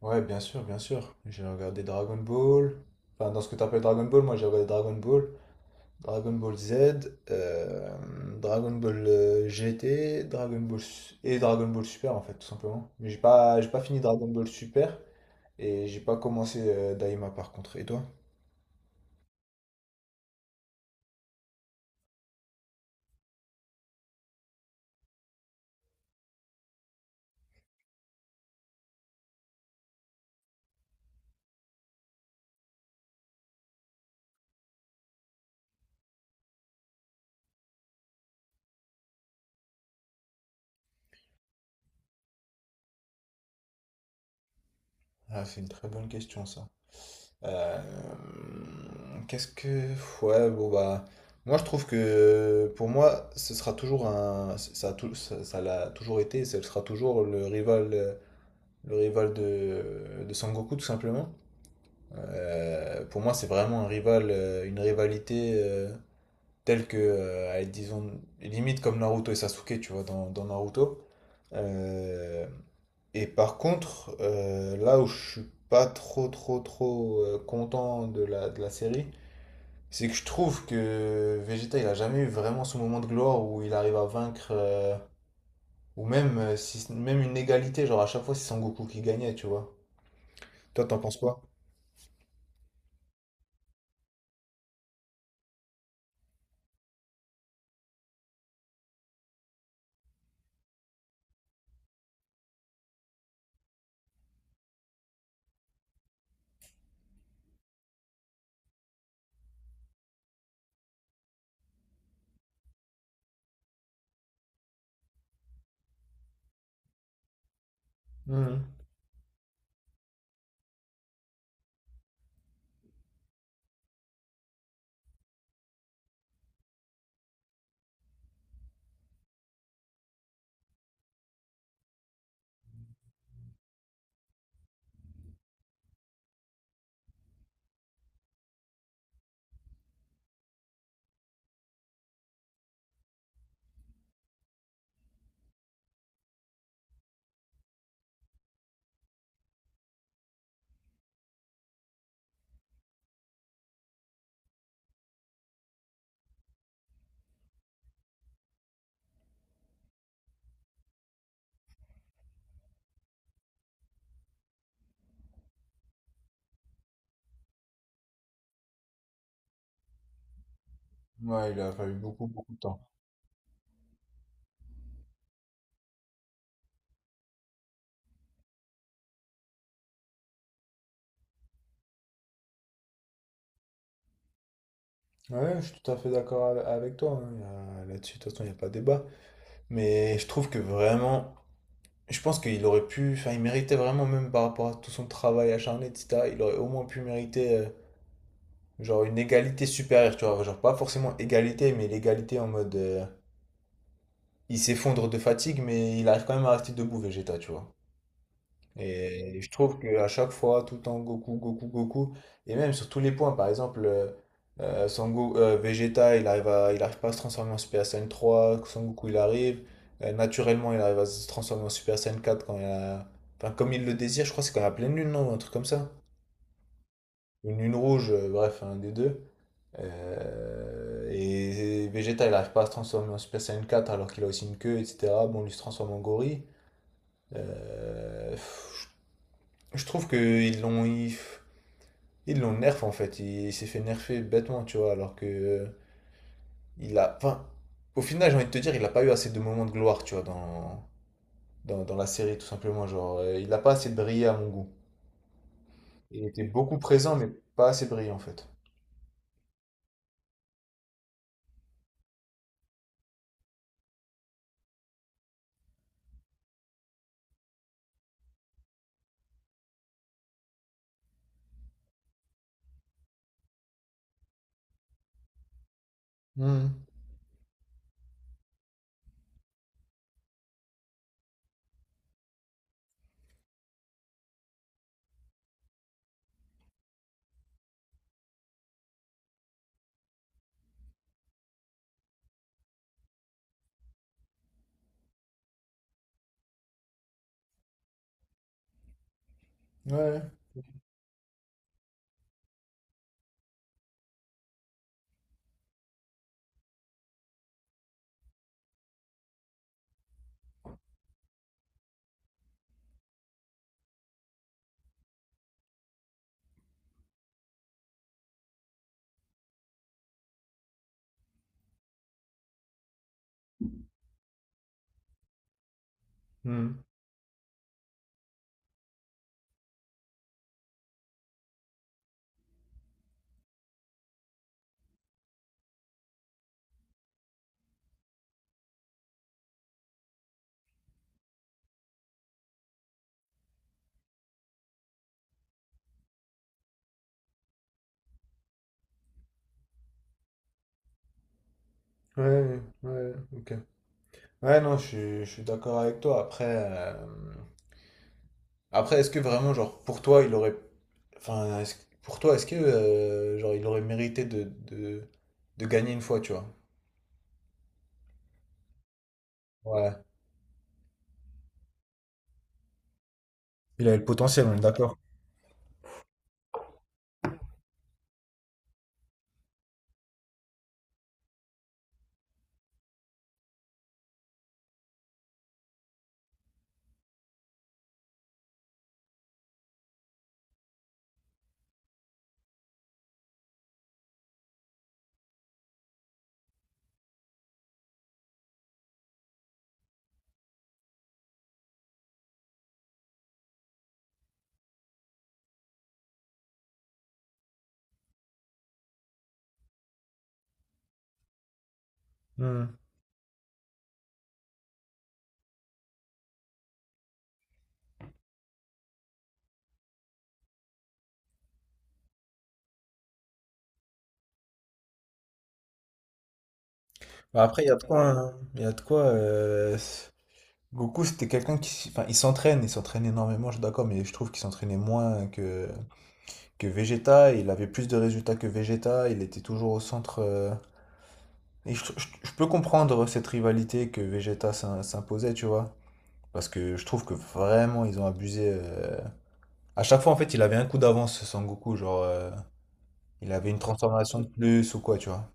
Ouais, bien sûr, bien sûr. J'ai regardé Dragon Ball. Enfin, dans ce que tu appelles Dragon Ball, moi j'ai regardé Dragon Ball, Dragon Ball Z, euh, Dragon Ball GT, Dragon Ball et Dragon Ball Super en fait, tout simplement. Mais j'ai pas fini Dragon Ball Super et j'ai pas commencé Daima par contre. Et toi? Ah, c'est une très bonne question ça. Euh, qu'est-ce que. Ouais, bon, bah. Moi, je trouve que pour moi, ce sera toujours un. Ça l'a toujours été, et ce sera toujours le rival de Sangoku, tout simplement. Pour moi, c'est vraiment un rival, une rivalité telle que, elle, disons, limite comme Naruto et Sasuke, tu vois, dans, dans Naruto. Euh, et par contre, là où je suis pas trop content de la série, c'est que je trouve que Vegeta il a jamais eu vraiment son moment de gloire où il arrive à vaincre ou même si même une égalité, genre à chaque fois c'est Son Goku qui gagnait, tu vois. Toi t'en penses quoi? Mhm. Ouais, il a fallu beaucoup beaucoup de temps. Ouais, je suis tout à fait d'accord avec toi, hein. Là-dessus, de toute façon, il n'y a pas de débat. Mais je trouve que vraiment, je pense qu'il aurait pu, enfin, il méritait vraiment, même par rapport à tout son travail acharné, etc., il aurait au moins pu mériter, genre, une égalité supérieure, tu vois, genre, pas forcément égalité, mais l'égalité en mode, il s'effondre de fatigue, mais il arrive quand même à rester debout, Vegeta, tu vois. Et je trouve qu'à chaque fois, tout le temps, Goku, Goku, Goku, et même sur tous les points, par exemple, Vegeta, il arrive pas à se transformer en Super Saiyan 3, Son Goku, il arrive. Naturellement, il arrive à se transformer en Super Saiyan 4 quand il a... Enfin, comme il le désire, je crois que c'est quand il y a pleine lune, non? Un truc comme ça. Une lune rouge, bref, un des deux. Et Vegeta, il arrive pas à se transformer en Super Saiyan 4 alors qu'il a aussi une queue, etc. Bon, lui il se transforme en gorille. Euh, pff, je trouve que ils l'ont nerf en fait. Il s'est fait nerfer bêtement, tu vois. Alors que, il a. enfin, au final, j'ai envie de te dire, il n'a pas eu assez de moments de gloire, tu vois, dans la série, tout simplement. Genre, il n'a pas assez brillé à mon goût. Il était beaucoup présent, mais pas assez brillant en fait. Hmm. Ouais. Hmm. Ouais, ouais, ok. Ouais, non, je suis d'accord avec toi. Après, est-ce que vraiment, genre, pour toi, il aurait, enfin, est-ce- pour toi, est-ce que, genre, il aurait mérité de gagner une fois, tu vois? Ouais. Il avait le potentiel, on est d'accord. Hmm. Bah après, il y a de quoi, hein. Il y a de quoi, Goku, c'était quelqu'un qui. Enfin, il s'entraîne énormément, je suis d'accord, mais je trouve qu'il s'entraînait moins que Vegeta. Il avait plus de résultats que Vegeta. Il était toujours au centre, et je peux comprendre cette rivalité que Vegeta s'imposait, tu vois. Parce que je trouve que vraiment, ils ont abusé. À chaque fois, en fait, il avait un coup d'avance, Sangoku. Genre, il avait une transformation de plus ou quoi, tu vois.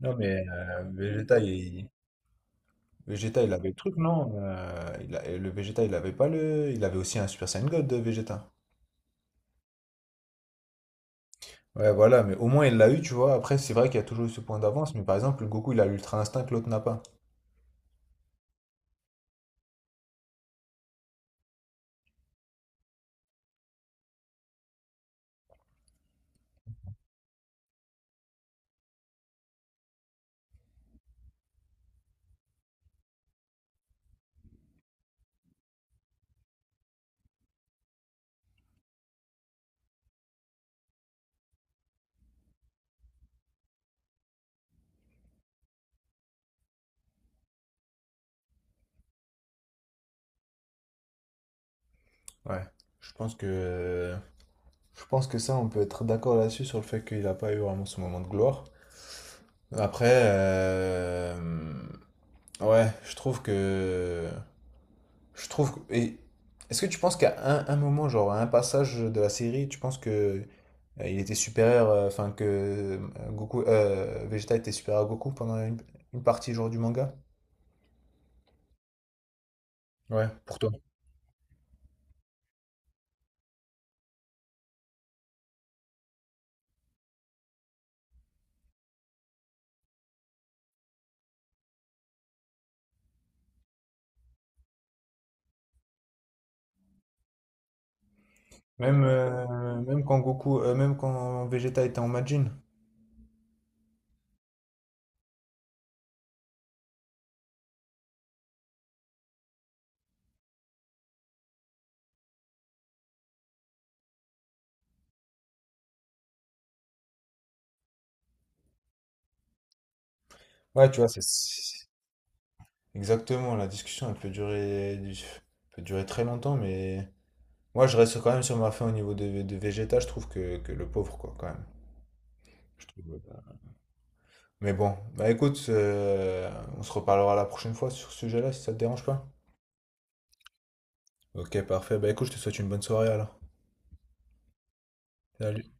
Non, mais Vegeta, il avait le truc, non? Et le Vegeta, il avait pas le. Il avait aussi un Super Saiyan God de Vegeta. Ouais, voilà, mais au moins il l'a eu, tu vois. Après, c'est vrai qu'il y a toujours eu ce point d'avance, mais par exemple, le Goku, il a l'Ultra Instinct que l'autre n'a pas. Ouais. Je pense que. Je pense que ça, on peut être d'accord là-dessus sur le fait qu'il n'a pas eu vraiment ce moment de gloire. Après, euh, ouais, Et est-ce que tu penses qu'à un moment, genre à un passage de la série, tu penses que il était supérieur, Vegeta était supérieur à Goku pendant une partie genre du manga? Ouais, pour toi. Même même quand Vegeta était en Majin. Ouais, tu vois, exactement. La discussion, elle peut durer très longtemps, mais moi, je reste quand même sur ma fin au niveau de Vegeta. Je trouve que le pauvre, quoi, quand même. Je trouve. Mais bon, bah écoute, on se reparlera la prochaine fois sur ce sujet-là si ça te dérange pas. Ok, parfait. Bah écoute, je te souhaite une bonne soirée alors. Salut.